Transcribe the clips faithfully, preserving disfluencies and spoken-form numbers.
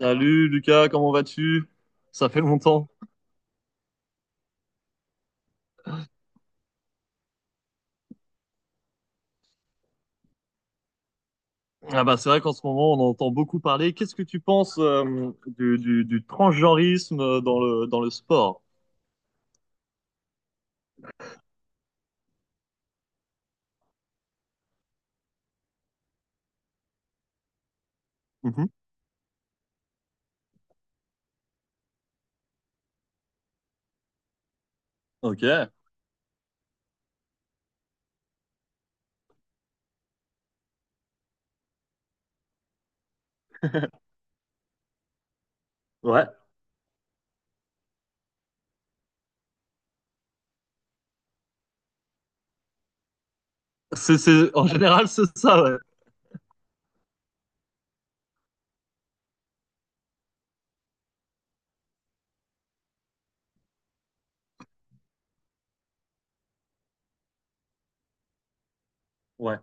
Salut Lucas, comment vas-tu? Ça fait longtemps. Ah bah c'est vrai qu'en ce moment on entend beaucoup parler. Qu'est-ce que tu penses euh, du, du, du transgenrisme euh, dans le dans le sport? Mhm. Ok. Ouais. C'est c'est en général c'est ça, ouais. Ouais.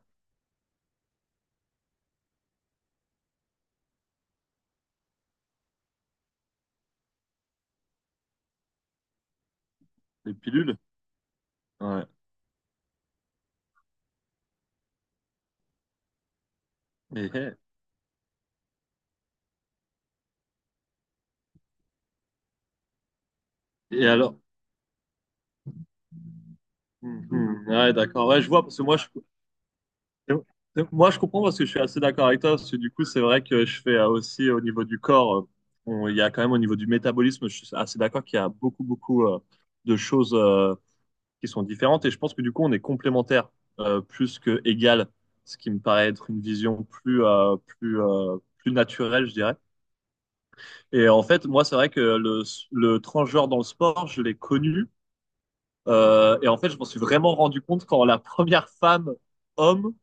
Les pilules. Ouais. Et, et alors? Mhm. Ouais, d'accord. Ouais je vois parce que moi je, Et- et Moi, je comprends parce que je suis assez d'accord avec toi, parce que du coup, c'est vrai que je fais euh, aussi euh, au niveau du corps, euh, on- il y a quand même au niveau du métabolisme, je suis assez d'accord qu'il y a beaucoup, beaucoup euh, de choses euh, qui sont différentes, et je pense que du coup, on est complémentaires euh, plus que égal, ce qui me paraît être une vision plus, euh, plus, euh, plus naturelle, je dirais. Et en fait, moi, c'est vrai que le, le transgenre dans le sport, je l'ai connu, euh, et en fait, je m'en suis vraiment rendu compte quand la première femme homme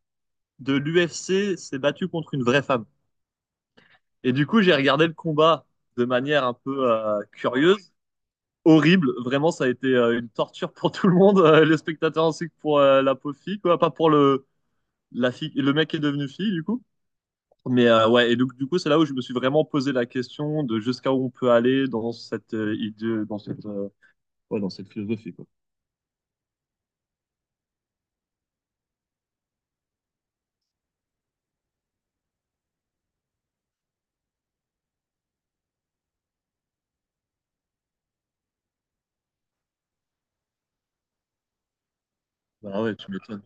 de l'U F C s'est battu contre une vraie femme. Et du coup, j'ai regardé le combat de manière un peu euh, curieuse, horrible. Vraiment, ça a été euh, une torture pour tout le monde, euh, les spectateurs ainsi que pour euh, la pauvre fille, quoi. Pas pour le, la fille, le mec qui est devenu fille, du coup. Mais euh, ouais, et donc du coup, c'est là où je me suis vraiment posé la question de jusqu'à où on peut aller dans cette euh, idée, dans cette, euh, ouais, dans cette philosophie, quoi. Bah ouais, tu m'étonnes.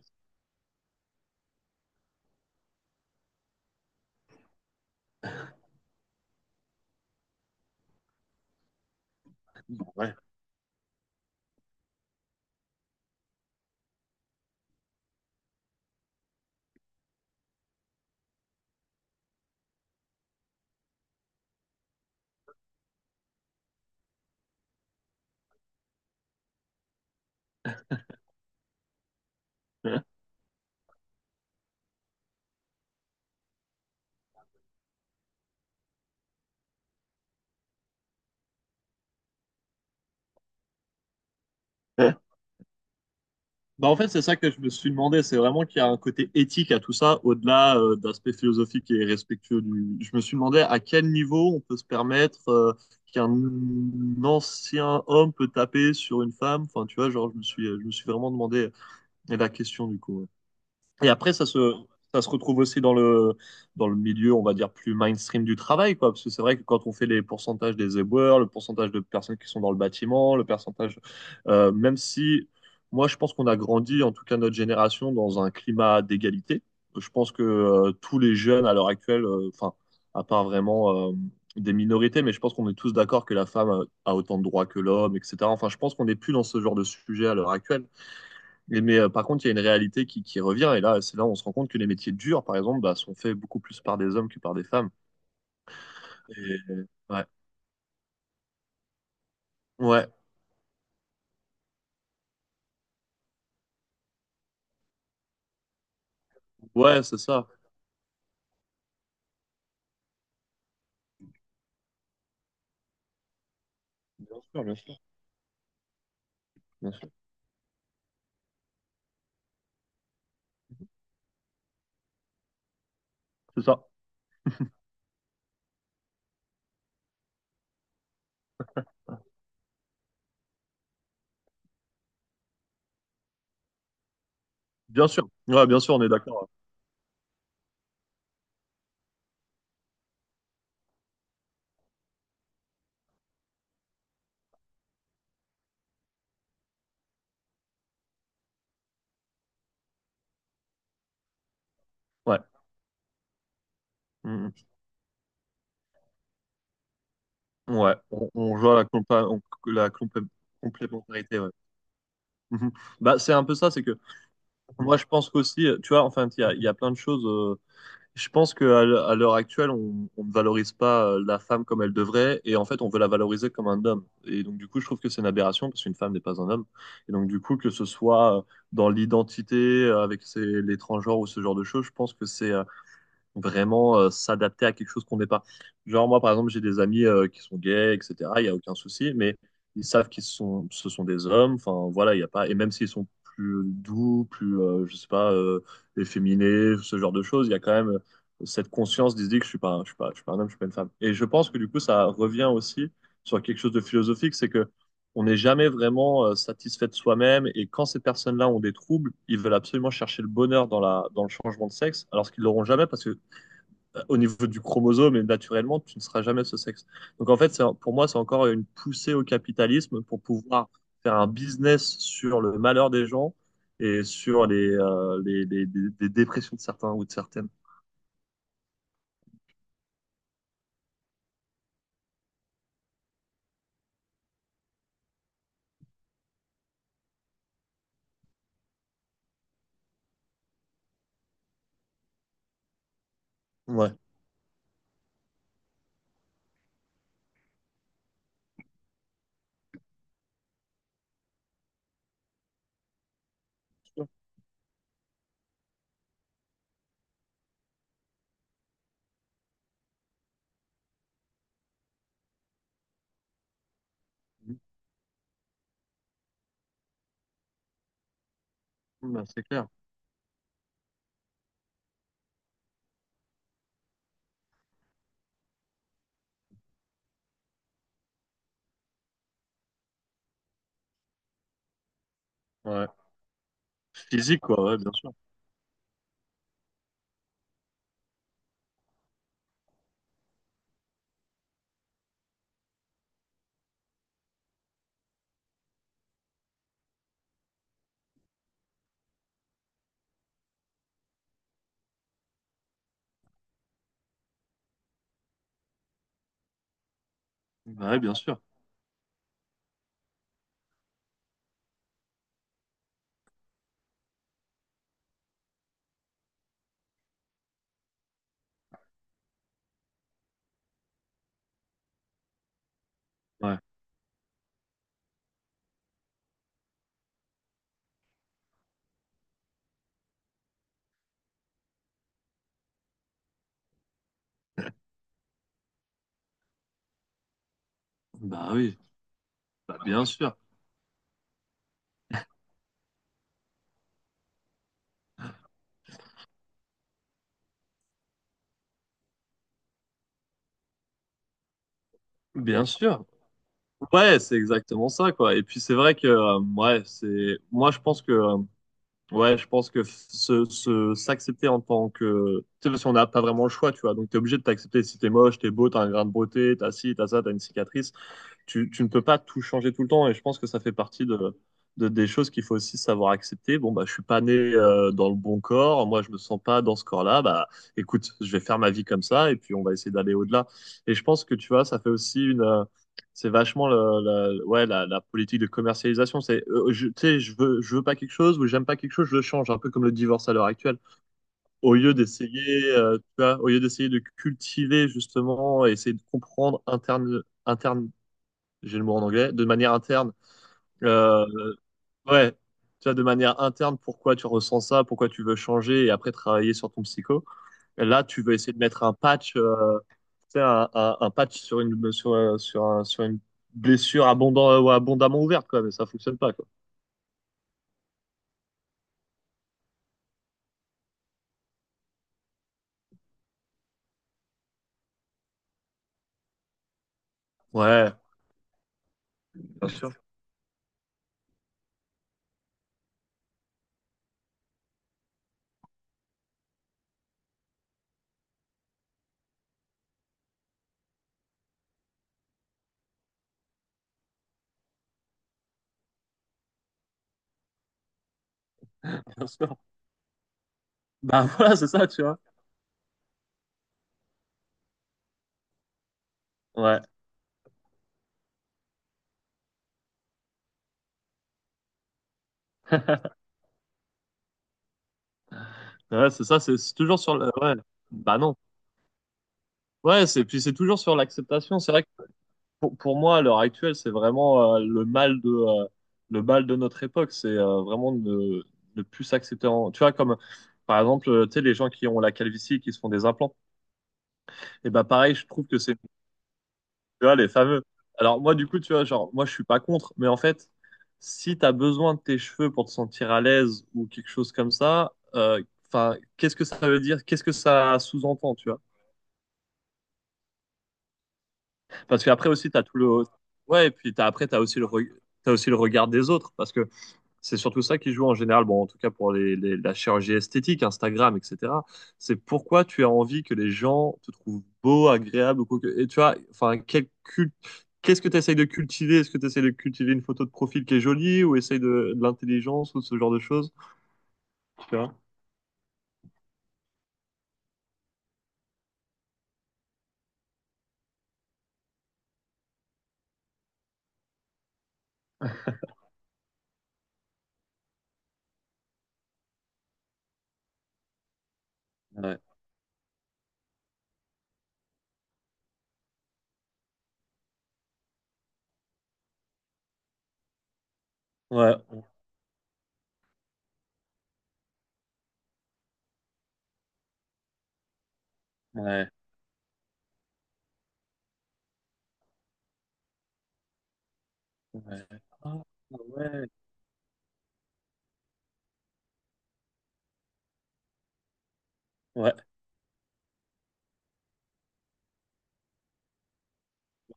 Ouais. Bah en fait, c'est ça que je me suis demandé. C'est vraiment qu'il y a un côté éthique à tout ça, au-delà euh, d'aspect philosophique et respectueux du. Je me suis demandé à quel niveau on peut se permettre euh, qu'un ancien homme peut taper sur une femme. Enfin, tu vois, genre, je me suis, je me suis vraiment demandé la question du coup, ouais. Et après, ça se, ça se retrouve aussi dans le, dans le milieu, on va dire, plus mainstream du travail, quoi. Parce que c'est vrai que quand on fait les pourcentages des éboueurs, le pourcentage de personnes qui sont dans le bâtiment, le pourcentage, euh, même si moi, je pense qu'on a grandi, en tout cas notre génération, dans un climat d'égalité. Je pense que euh, tous les jeunes à l'heure actuelle, euh, enfin, à part vraiment euh, des minorités, mais je pense qu'on est tous d'accord que la femme a, a autant de droits que l'homme, etcetera. Enfin, je pense qu'on n'est plus dans ce genre de sujet à l'heure actuelle. Et mais euh, par contre, il y a une réalité qui, qui revient, et là, c'est là où on se rend compte que les métiers durs, par exemple, bah, sont faits beaucoup plus par des hommes que par des femmes. Et, ouais, ouais, ouais, c'est ça. Bien sûr, bien sûr, bien sûr. C'est ça. Bien sûr. Ouais, bien sûr, on est d'accord. Hein. Ouais. Mhm. Ouais. On, on joue à la, compa- on- la complé- complémentarité, ouais. Mhm. Bah, c'est un peu ça, c'est que moi, je pense qu'aussi, euh, tu vois, enfin, il y a, il y a plein de choses, euh, je pense qu'à l'heure actuelle, on, on ne valorise pas euh, la femme comme elle devrait, et en fait, on veut la valoriser comme un homme. Et donc, du coup, je trouve que c'est une aberration, parce qu'une femme n'est pas un homme. Et donc, du coup, que ce soit euh, dans l'identité, euh, avec ses, les transgenres ou ce genre de choses, je pense que c'est euh, vraiment euh, s'adapter à quelque chose qu'on n'est pas. Genre, moi, par exemple, j'ai des amis euh, qui sont gays, etcetera. Il n'y a aucun souci, mais ils savent qu'ils sont, ce sont des hommes. Enfin, voilà, il n'y a pas. Et même s'ils sont plus doux, plus, euh, je sais pas, euh, efféminés, ce genre de choses, il y a quand même euh, cette conscience d'idée que je suis pas, un- je suis pas, je suis pas un homme, je suis pas une femme. Et je pense que du coup, ça revient aussi sur quelque chose de philosophique, c'est que on n'est jamais vraiment euh, satisfait de soi-même et quand ces personnes-là ont des troubles, ils veulent absolument chercher le bonheur dans la, dans le changement de sexe, alors qu'ils l'auront jamais parce que euh, au niveau du chromosome et naturellement, tu ne seras jamais ce sexe. Donc en fait, c'est- pour moi, c'est encore une poussée au capitalisme pour pouvoir faire un business sur le malheur des gens et sur les, euh, les, les- les- les dépressions de certains ou de certaines. Ouais. Mm, bah, c'est clair. Ouais. Physique, quoi, ouais, bien sûr. Bah, ouais, bien sûr. Ouais. Bah oui. Bah, bien sûr. Bien sûr. Ouais, c'est exactement ça, quoi. Et puis c'est vrai que, euh, ouais, c'est. Moi, je pense que euh, ouais, je pense que se, se, s'accepter en tant que, tu sais, parce qu'on n'a pas vraiment le choix, tu vois. Donc, t'es obligé de t'accepter si t'es moche, t'es beau, t'as un grain de beauté, t'as ci, t'as ça, t'as une cicatrice, tu, tu ne peux pas tout changer tout le temps et je pense que ça fait partie de, de- des choses qu'il faut aussi savoir accepter. Bon, bah, je suis pas né euh, dans le bon corps, moi je me sens pas dans ce corps-là, bah écoute, je vais faire ma vie comme ça et puis on va essayer d'aller au-delà. Et je pense que tu vois, ça fait aussi une... euh, c'est vachement le- la, ouais, la, la politique de commercialisation. C'est, euh, je, tu sais, je veux, je veux pas quelque chose ou j'aime pas quelque chose, je le change, un peu comme le divorce à l'heure actuelle. Au lieu d'essayer, euh, tu vois, au lieu d'essayer de cultiver justement, essayer de comprendre interne, j'ai le mot en anglais, de manière interne. Euh, ouais, tu vois, de manière interne, pourquoi tu ressens ça, pourquoi tu veux changer et après travailler sur ton psycho. Et là, tu veux essayer de mettre un patch, euh, tu sais, un, un- un patch sur une, sur, euh, sur, un- sur une blessure abondant, euh, ou abondamment ouverte, quoi, mais ça fonctionne pas, quoi. Ouais, bien sûr, bien sûr. Bah voilà, c'est ça, tu vois. Ouais, ouais, c'est ça, c'est c'est toujours sur le. Ouais, bah non. Ouais, c'est puis c'est toujours sur l'acceptation. C'est vrai. Pour, pour moi, à l'heure actuelle, c'est vraiment euh, le mal de, euh, le mal de notre époque. C'est euh, vraiment ne, ne plus s'accepter. en- Tu vois, comme par exemple, euh, tu sais, les gens qui ont la calvitie et qui se font des implants. Et ben pareil, je trouve que c'est, tu vois, les fameux. Alors moi, du coup, tu vois, genre, moi, je suis pas contre, mais en fait, si t'as besoin de tes cheveux pour te sentir à l'aise ou quelque chose comme ça, euh, enfin, qu'est-ce que ça veut dire? Qu'est-ce que ça sous-entend, tu vois? Parce qu'après aussi, t'as tout le. Ouais, et puis t'as, après, t'as aussi le, re- t'as aussi le regard des autres. Parce que c'est surtout ça qui joue en général, bon, en tout cas pour les, les- la chirurgie esthétique, Instagram, etcetera. C'est pourquoi tu as envie que les gens te trouvent beau, agréable ou quoi que. Et tu vois, enfin, quel cul- qu'est-ce que tu essayes de cultiver? Est-ce que tu essayes de cultiver une photo de profil qui est jolie ou essayes de, de l'intelligence ou ce genre de choses? Tu vois? Ouais, ouais, ouais, ouais. Ah, ouais, ouais,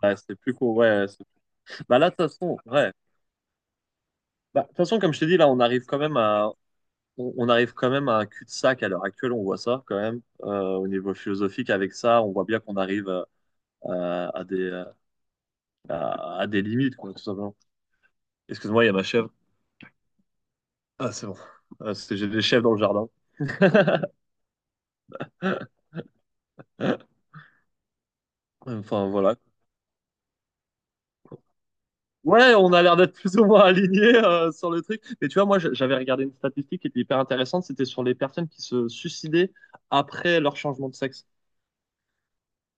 ouais, c'est plus cool, ouais. c'est- Bah là, de toute façon, ouais. Bah, de toute façon, comme je t'ai dit, là, on arrive quand même à, on, on arrive quand même à un cul-de-sac à l'heure actuelle, on voit ça quand même euh, au niveau philosophique. Avec ça, on voit bien qu'on arrive euh, à, à des, euh, à, à des limites, quoi, tout simplement. Excuse-moi, il y a ma chèvre. Ah, c'est bon. Ah, c'est- J'ai des chèvres dans le jardin. Enfin, voilà. Ouais, on a l'air d'être plus ou moins alignés euh, sur le truc. Mais tu vois, moi, j- j'avais regardé une statistique qui était hyper intéressante. C'était sur les personnes qui se suicidaient après leur changement de sexe.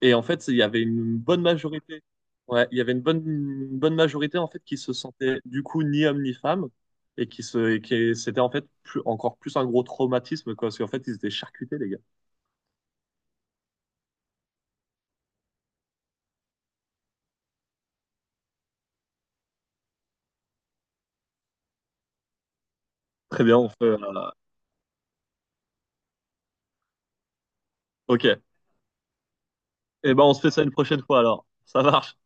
Et en fait, il y avait une bonne majorité. Ouais, il y avait une bonne, une bonne majorité en fait qui se sentait du coup ni homme ni femme et qui se, et qui c'était en fait plus, encore plus un gros traumatisme quoi, parce qu'en fait ils étaient charcutés les gars. Très bien, on fait, euh, ok. Eh ben on se fait ça une prochaine fois alors. Ça marche.